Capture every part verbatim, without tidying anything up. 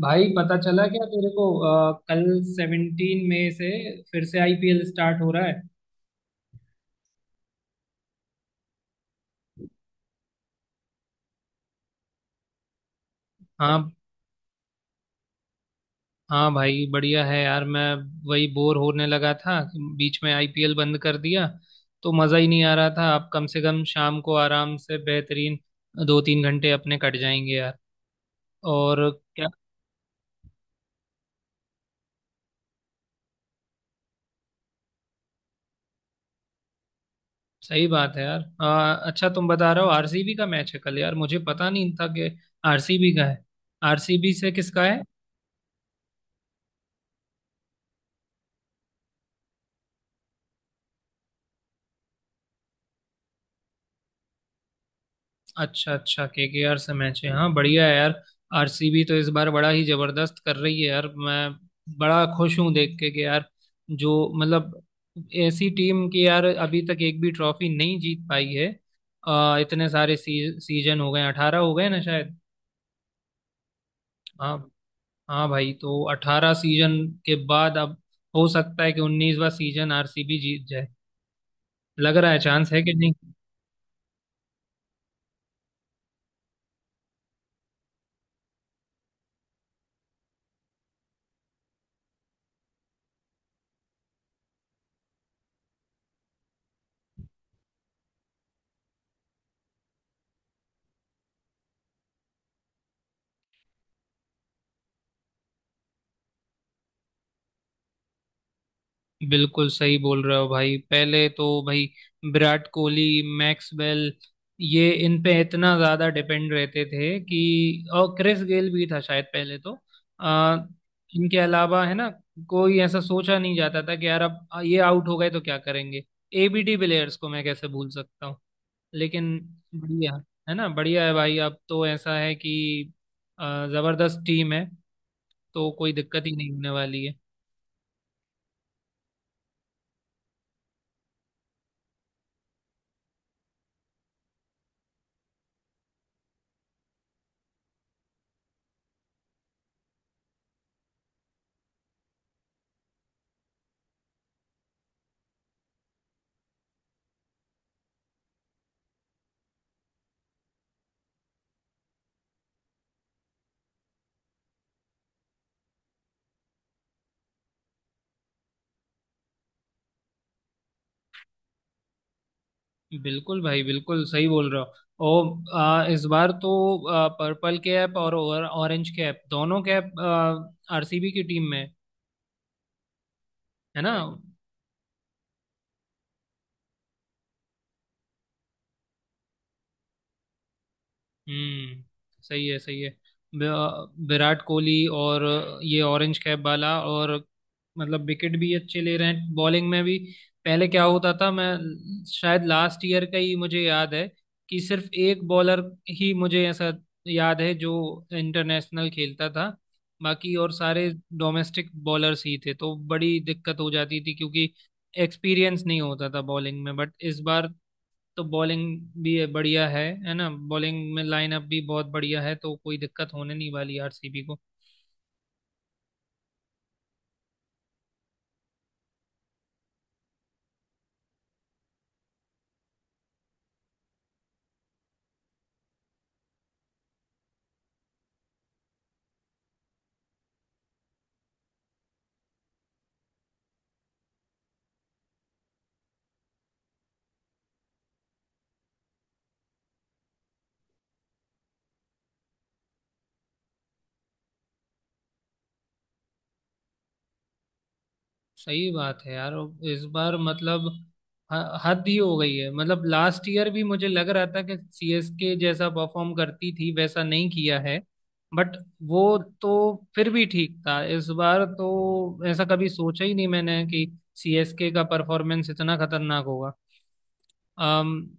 भाई, पता चला क्या तेरे को अ, कल सेवनटीन मई से फिर से आईपीएल स्टार्ट हो रहा है। हाँ, हाँ भाई, बढ़िया है यार। मैं वही बोर होने लगा था, बीच में आईपीएल बंद कर दिया तो मज़ा ही नहीं आ रहा था। अब कम से कम शाम को आराम से बेहतरीन दो तीन घंटे अपने कट जाएंगे यार। और। क्या? सही बात है यार, अ, अच्छा, तुम बता रहे हो आरसीबी का मैच है कल। यार, मुझे पता नहीं था कि आरसीबी का है। आरसीबी से किसका है? अच्छा, अच्छा, केकेआर से मैच है। हाँ, बढ़िया है यार। आरसीबी तो इस बार बड़ा ही जबरदस्त कर रही है यार। मैं बड़ा खुश हूँ देख के कि यार, जो मतलब ऐसी टीम की यार अभी तक एक भी ट्रॉफी नहीं जीत पाई है। अ, इतने सारे सी, सीजन हो गए, अठारह हो गए ना शायद। हाँ। हाँ भाई, तो अठारह सीजन के बाद अब हो सकता है कि उन्नीसवा सीजन आरसीबी जीत जाए। लग रहा है, चांस है कि नहीं। बिल्कुल सही बोल रहे हो भाई। पहले तो भाई विराट कोहली, मैक्सवेल, ये इन पे इतना ज्यादा डिपेंड रहते थे कि। और क्रिस गेल भी था शायद पहले तो। आ, इनके अलावा है ना कोई ऐसा सोचा नहीं जाता था कि यार अब ये आउट हो गए तो क्या करेंगे। एबीडी प्लेयर्स को मैं कैसे भूल सकता हूँ। लेकिन बढ़िया, है ना, बढ़िया है भाई। अब तो ऐसा है कि आ, जबरदस्त टीम है, तो कोई दिक्कत ही नहीं होने वाली है। बिल्कुल भाई, बिल्कुल सही बोल रहे हो। ओ, आ, इस बार तो आ, पर्पल कैप और, और ऑरेंज कैप, दोनों कैप आरसीबी की टीम में। है ना। हम्म, सही है, सही है। वि- विराट कोहली और ये ऑरेंज कैप वाला, और मतलब विकेट भी अच्छे ले रहे हैं बॉलिंग में भी। पहले क्या होता था, मैं शायद लास्ट ईयर का ही मुझे याद है कि सिर्फ एक बॉलर ही मुझे ऐसा याद है जो इंटरनेशनल खेलता था, बाकी और सारे डोमेस्टिक बॉलर्स ही थे तो बड़ी दिक्कत हो जाती थी क्योंकि एक्सपीरियंस नहीं होता था बॉलिंग में। बट इस बार तो बॉलिंग भी है- बढ़िया है। है ना, बॉलिंग में लाइनअप भी बहुत बढ़िया है, तो कोई दिक्कत होने नहीं वाली आरसीबी को। सही बात है यार। और इस बार मतलब ह- हद ही हो गई है। मतलब लास्ट ईयर भी मुझे लग रहा था कि सीएसके जैसा परफॉर्म करती थी वैसा नहीं किया है, बट वो तो फिर भी ठीक था। इस बार तो ऐसा कभी सोचा ही नहीं मैंने कि सीएसके का परफॉर्मेंस इतना खतरनाक होगा।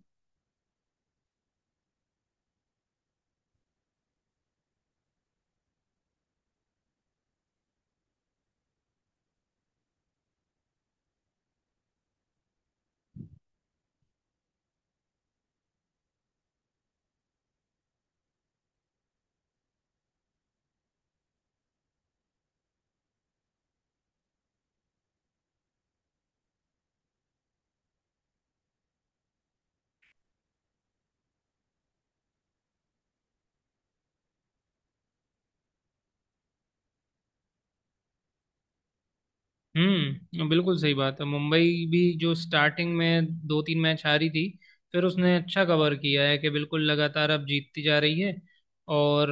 हम्म, बिल्कुल सही बात है। मुंबई भी जो स्टार्टिंग में दो तीन मैच हारी थी, फिर उसने अच्छा कवर किया है कि बिल्कुल लगातार अब जीतती जा रही है। और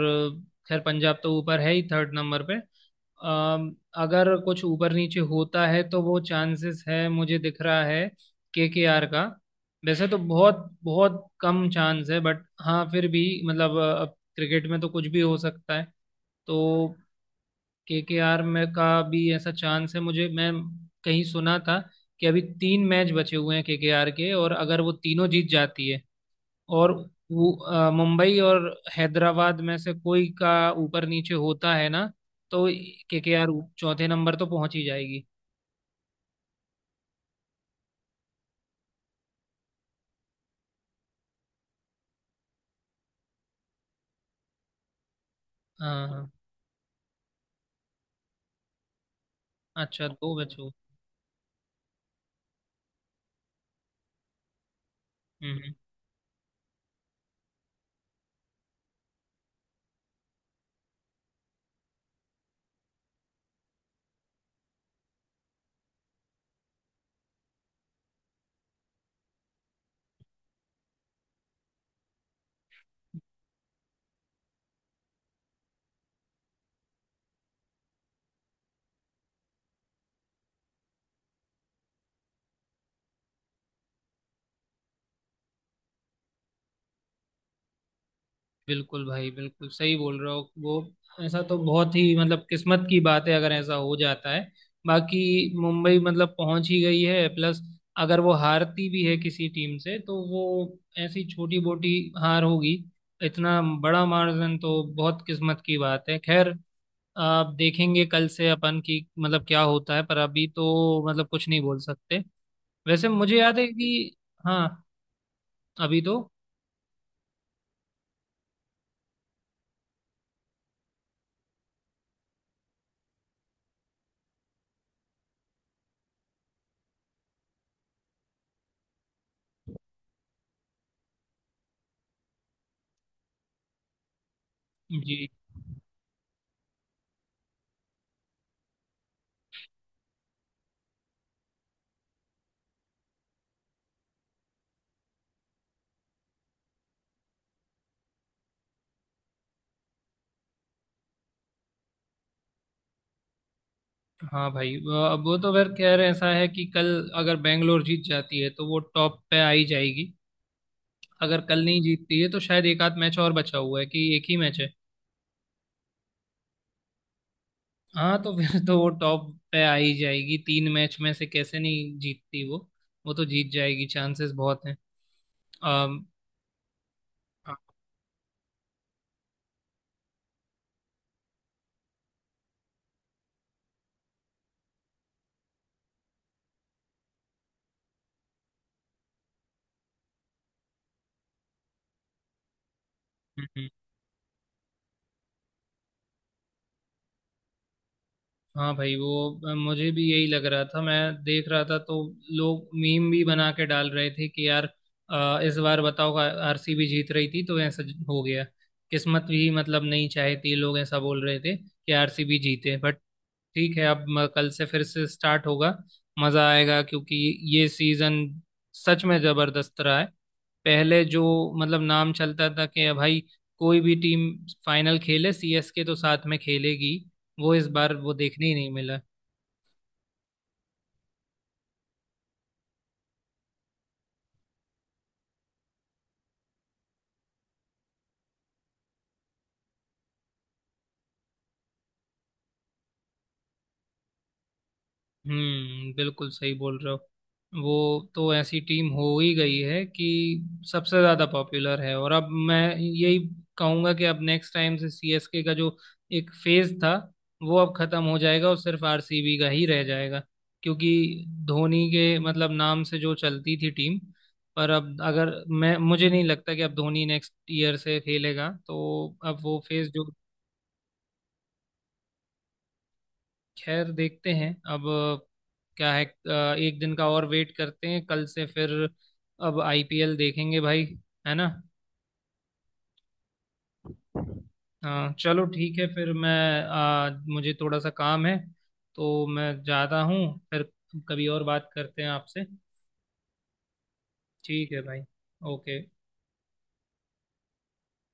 खैर, पंजाब तो ऊपर है ही, थर्ड नंबर पे। अम, अगर कुछ ऊपर नीचे होता है तो वो चांसेस है मुझे दिख रहा है केकेआर का। वैसे तो बहुत बहुत कम चांस है, बट हाँ, फिर भी मतलब अ, अब क्रिकेट में तो कुछ भी हो सकता है, तो केकेआर में का भी ऐसा चांस है मुझे। मैं कहीं सुना था कि अभी तीन मैच बचे हुए हैं केकेआर के। आर के, और अगर वो तीनों जीत जाती है और वो अ, मुंबई और हैदराबाद में से कोई का ऊपर नीचे होता है ना, तो केकेआर चौथे नंबर तो पहुंच ही जाएगी। हाँ, हाँ। अच्छा, दो बचे हुए। हम्म, हम्म। बिल्कुल भाई, बिल्कुल सही बोल रहे हो। वो ऐसा तो बहुत ही मतलब किस्मत की बात है, अगर ऐसा हो जाता है। बाकी मुंबई मतलब पहुंच ही गई है। प्लस अगर वो हारती भी है किसी टीम से तो वो ऐसी छोटी मोटी हार होगी, इतना बड़ा मार्जिन तो बहुत किस्मत की बात है। खैर, आप देखेंगे कल से अपन की मतलब क्या होता है, पर अभी तो मतलब कुछ नहीं बोल सकते। वैसे मुझे याद है कि, हाँ, अभी तो, जी। हाँ भाई, वो- अब वो तो फिर खैर ऐसा है कि कल अगर बैंगलोर जीत जाती है तो वो टॉप पे आ ही जाएगी। अगर कल नहीं जीतती है तो शायद एक आध मैच और बचा हुआ है, कि एक ही मैच है। हाँ, तो फिर तो वो टॉप पे आ ही जाएगी, तीन मैच में से कैसे नहीं जीतती वो। वो तो जीत जाएगी, चांसेस बहुत हैं। अम, हाँ, हम्म, हम्म। हाँ भाई, वो मुझे भी यही लग रहा था। मैं देख रहा था तो लोग मीम भी बना के डाल रहे थे कि यार, अ, इस बार बताओ, आरसीबी जीत रही थी तो ऐसा हो गया। किस्मत भी मतलब नहीं चाहती, लोग ऐसा बोल रहे थे कि आरसीबी जीते। बट ठीक है, अब म- कल से फिर से स्टार्ट होगा। मज़ा आएगा क्योंकि ये सीज़न सच में ज़बरदस्त रहा है। पहले जो मतलब नाम चलता था कि भाई कोई भी टीम फाइनल खेले, सीएसके तो साथ में खेलेगी, वो इस बार वो देखने ही नहीं मिला। हम्म, बिल्कुल सही बोल रहे हो। वो तो ऐसी टीम हो ही गई है कि सबसे ज्यादा पॉपुलर है। और अब मैं यही कहूंगा कि अब नेक्स्ट टाइम से सीएसके का जो एक फेज था वो अब खत्म हो जाएगा और सिर्फ आरसीबी का ही रह जाएगा। क्योंकि धोनी के मतलब नाम से जो चलती थी टीम, पर अब अगर मैं मुझे नहीं लगता कि अब धोनी नेक्स्ट ईयर से खेलेगा, तो अब वो फेज जो। खैर, देखते हैं अब। अ, क्या है, अ, एक दिन का और वेट करते हैं, कल से फिर अब आईपीएल देखेंगे भाई। है ना। हाँ, चलो, ठीक है फिर। मैं अ, मुझे थोड़ा सा काम है, तो मैं जाता हूँ फिर। कभी और बात करते हैं आपसे। ठीक है भाई। ओके।